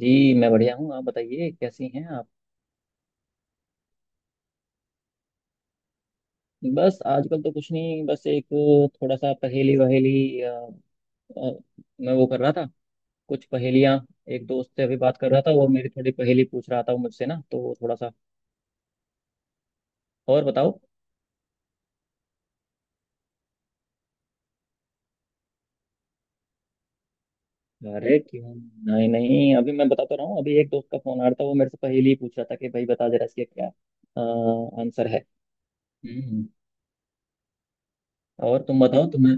जी मैं बढ़िया हूँ। आप बताइए कैसी हैं आप। बस आजकल तो कुछ नहीं, बस एक थोड़ा सा पहेली वहेली अ, मैं वो कर रहा था, कुछ पहेलियाँ। एक दोस्त से अभी बात कर रहा था, वो मेरी थोड़ी पहेली पूछ रहा था वो मुझसे ना, तो वो थोड़ा सा। और बताओ। अरे क्यों नहीं नहीं, अभी मैं बताता रहा हूँ, अभी एक दोस्त का फोन आ रहा था, वो मेरे से पहेली ही पूछ रहा था कि भाई बता जरा इसके क्या आंसर है। हम्म, और तुम बताओ तुम्हें।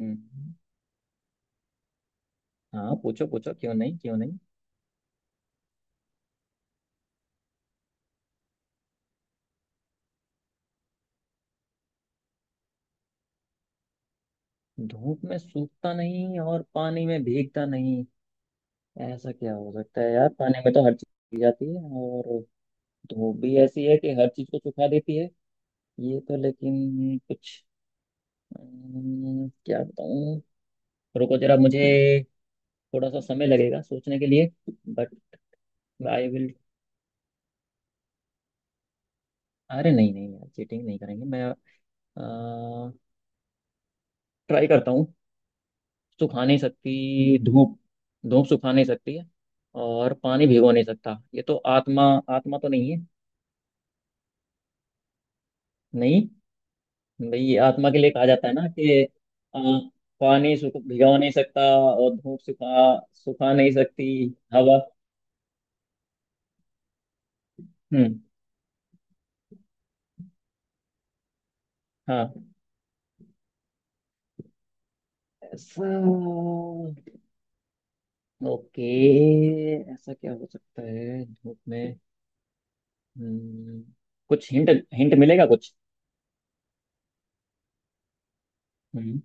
हम्म, हाँ पूछो पूछो, क्यों नहीं क्यों नहीं। धूप में सूखता नहीं और पानी में भीगता नहीं। ऐसा क्या हो सकता है यार, पानी में तो हर चीज जाती है और धूप भी ऐसी है कि हर चीज को सुखा देती है। ये तो लेकिन कुछ, क्या बताऊं। रुको जरा, मुझे थोड़ा सा समय लगेगा सोचने के लिए, बट आई विल। अरे नहीं नहीं यार, चीटिंग नहीं करेंगे, मैं ट्राई करता हूँ। सुखा नहीं सकती धूप। धूप सुखा नहीं सकती है और पानी भिगो नहीं सकता। ये तो आत्मा, आत्मा तो नहीं है। नहीं। भाई ये आत्मा के लिए कहा जाता है ना कि, अ, पानी सुख भिगो नहीं सकता और धूप सुखा सुखा नहीं सकती। हवा। हम्म, हाँ। ऐसा। ओके। ऐसा क्या हो सकता है धूप में। हम्म कुछ हिंट हिंट मिलेगा कुछ। हम्म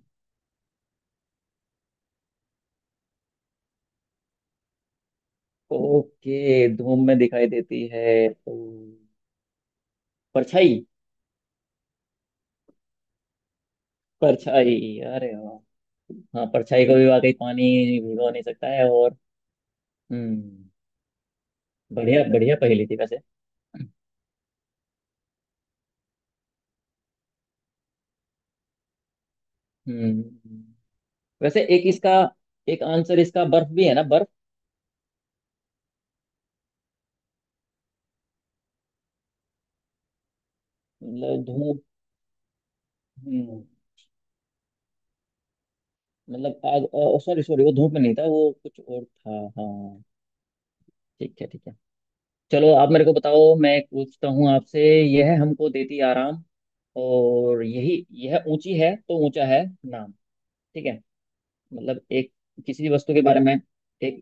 ओके, धूप में दिखाई देती है तो परछाई। परछाई, अरे वाह। हाँ परछाई को भी वाकई पानी भिगो नहीं सकता है और हम्म बढ़िया बढ़िया पहेली थी वैसे। हम्म वैसे एक इसका, एक आंसर इसका बर्फ भी है ना, बर्फ। मतलब धूप। हम्म, मतलब आग। सॉरी सॉरी, वो धूप में नहीं था, वो कुछ और था। हाँ ठीक है ठीक है। चलो आप मेरे को बताओ, मैं एक पूछता हूँ आपसे। यह हमको देती आराम, और यही यह ऊंची है तो ऊंचा है नाम। ठीक है, मतलब एक, किसी भी वस्तु के बारे में, एक,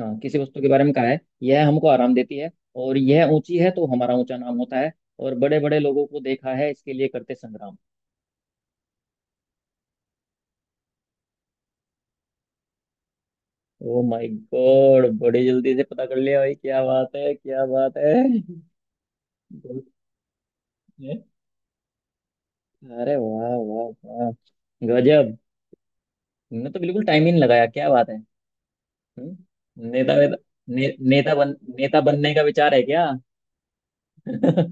हाँ, किसी वस्तु के बारे में कहा है यह हमको आराम देती है और यह ऊंची है तो हमारा ऊंचा नाम होता है और बड़े बड़े लोगों को देखा है इसके लिए करते संग्राम। ओ माय गॉड, बड़ी जल्दी से पता कर लिया भाई, क्या बात है क्या बात है। बहुत है। अरे वाह वाह। वाह। गजब। ने तो बिल्कुल टाइम ही नहीं लगाया, क्या बात है। हम्म? नेता वेता। नेता बनने का विचार है क्या। हम्म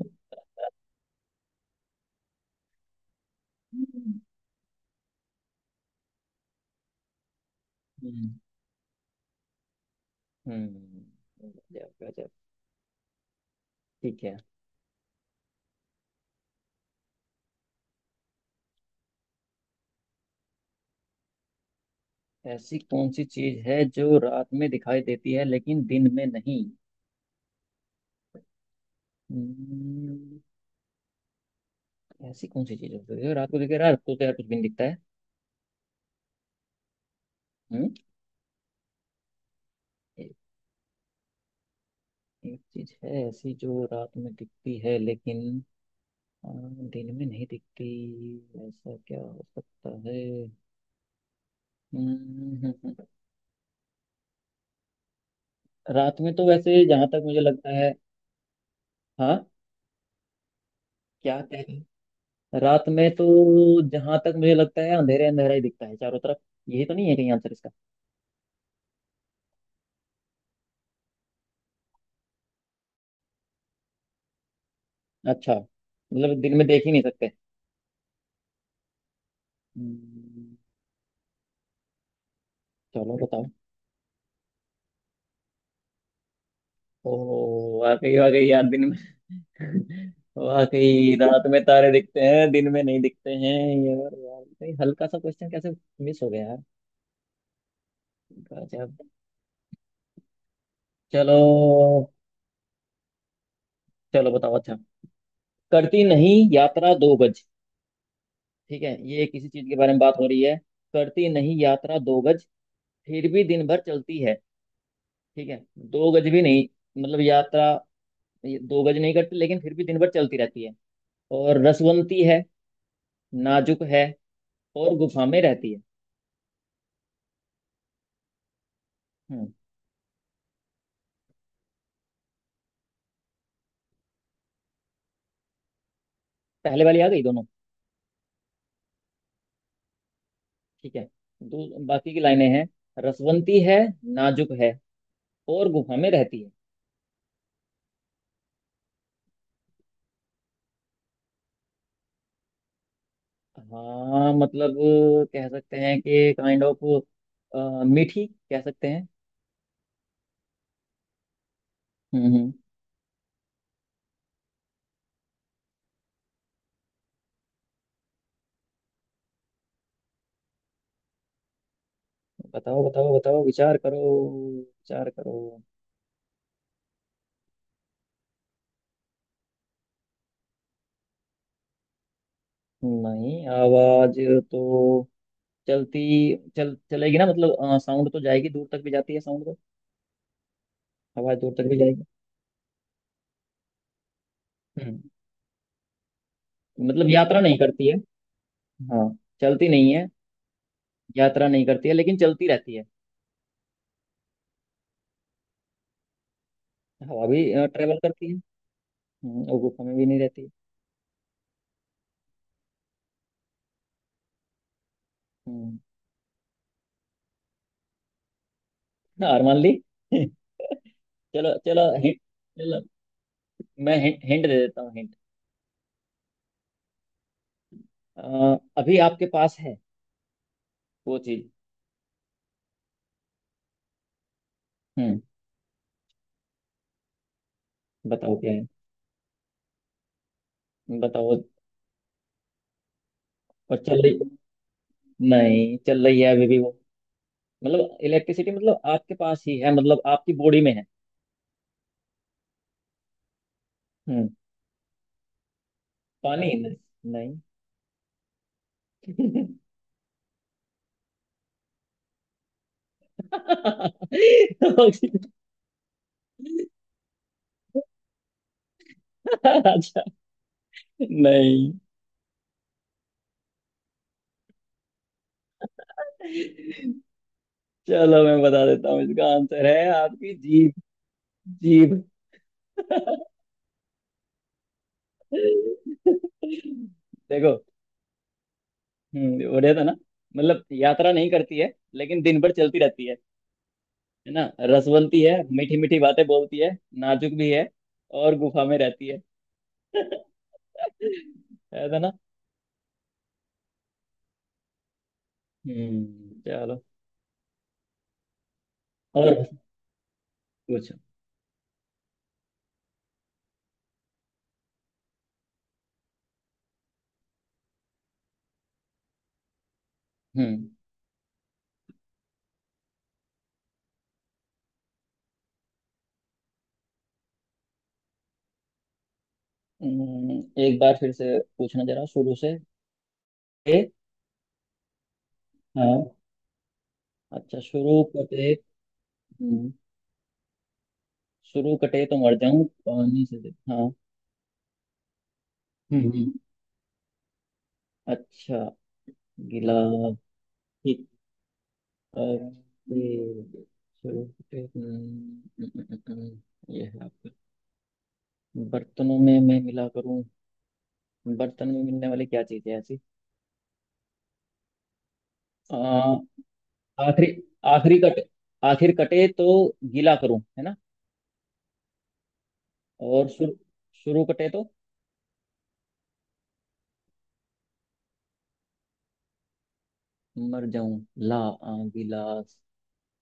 हम्म, गजब गजब। ठीक है। ऐसी कौन सी चीज है जो रात में दिखाई देती है लेकिन दिन में नहीं। हम्म, ऐसी कौन सी चीज हो सकती है, रात को दिखे। रात को तो यार कुछ भी नहीं दिखता है। हम्म एक चीज है ऐसी जो रात में दिखती है लेकिन अ, दिन में नहीं दिखती। ऐसा क्या हो सकता है। हम्म, रात में तो वैसे जहां तक मुझे लगता है, हाँ। क्या कह रहे हैं? रात में तो जहां तक मुझे लगता है अंधेरे अंधेरा ही दिखता है चारों तरफ। यही तो नहीं है कहीं आंसर इसका। अच्छा मतलब दिन में देख ही नहीं सकते। हम्म, चलो बताओ। ओ, वाकई वाकई यार दिन में। वाकई रात में तारे दिखते हैं, दिन में नहीं दिखते हैं। यार यार, कहीं हल्का सा क्वेश्चन कैसे मिस हो गया यार। गजब। चलो चलो बताओ, अच्छा, करती नहीं यात्रा दो गज। ठीक है, ये किसी चीज के बारे में बात हो रही है। करती नहीं यात्रा दो गज, फिर भी दिन भर चलती है। ठीक है। दो गज भी नहीं, मतलब यात्रा, ये दो गज नहीं करती लेकिन फिर भी दिन भर चलती रहती है। और रसवंती है, नाजुक है और गुफा में रहती है। हम्म। पहले वाली आ गई दोनों। ठीक है, दो बाकी की लाइनें हैं। रसवंती है, नाजुक है और गुफा में रहती है। हाँ मतलब, कह सकते हैं कि काइंड ऑफ मीठी, कह सकते हैं। हम्म। हम्म। बताओ बताओ बताओ, विचार करो, विचार करो। नहीं, आवाज तो चलती, चल चलेगी ना, मतलब साउंड तो जाएगी, दूर तक भी जाती है साउंड तो। आवाज दूर तक भी जाएगी। हम्म मतलब यात्रा नहीं करती है। हाँ। चलती नहीं है, यात्रा नहीं करती है लेकिन चलती रहती है। हवा भी ट्रेवल करती है। और गुफा में भी नहीं रहती है। हम्म, हार मान ली। चलो चलो, हिंट। चलो मैं हिंट दे देता हूँ, हिंट। अभी आपके पास है वो चीज। हम्म बताओ क्या है, बताओ। और चल रही, नहीं चल रही है अभी भी वो। मतलब इलेक्ट्रिसिटी, मतलब आपके पास ही है, मतलब आपकी बॉडी में है। हम्म पानी नहीं नहीं। अच्छा। नहीं। चलो मैं बता देता हूँ, इसका आंसर है आपकी जीभ। जीभ। देखो। बढ़िया था ना। मतलब यात्रा नहीं करती है लेकिन दिन भर चलती रहती है ना। रसवंती है, मीठी मीठी बातें बोलती है, नाजुक भी है और गुफा में रहती है। है, था ना। चलो। और पूछो। हम्म, एक बार फिर से पूछना जरा शुरू से। ए, हाँ, अच्छा शुरू करते। शुरू कटे तो मर जाऊं, पानी से हाँ। हम्म हम्म। अच्छा। गिला, ठीक, ओके, शुरू कटे। ये है आपका, बर्तनों में मैं मिला करूं। बर्तन में मिलने वाली क्या चीज है ऐसी। आ, आखिरी, आखिरी कटे, आखिर कटे तो गीला करूं, है ना। और शुरू, शुरू कटे तो मर जाऊं। ला, गिलास।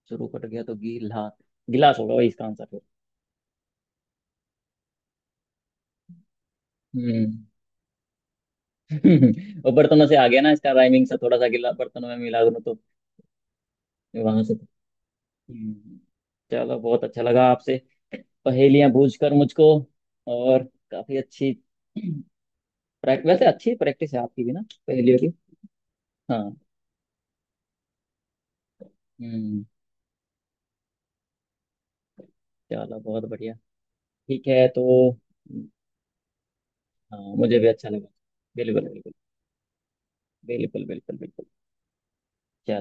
शुरू कट गया तो गीला, गिलास होगा वही इसका आंसर। फिर। वो बर्तनों से आ गया ना इसका राइमिंग से, थोड़ा सा गिला बर्तनों में मिला दूं तो वहां से। हम्म, चलो बहुत अच्छा लगा आपसे पहेलियां बूझ कर मुझको, और काफी अच्छी प्रैक्टिस, वैसे अच्छी प्रैक्टिस है आपकी भी ना पहेलियों की। हाँ। हम्म चलो बहुत बढ़िया। ठीक है तो। हाँ मुझे भी अच्छा लगा, बिल्कुल बिल्कुल, बिल्कुल बिल्कुल बिल्कुल। चलो।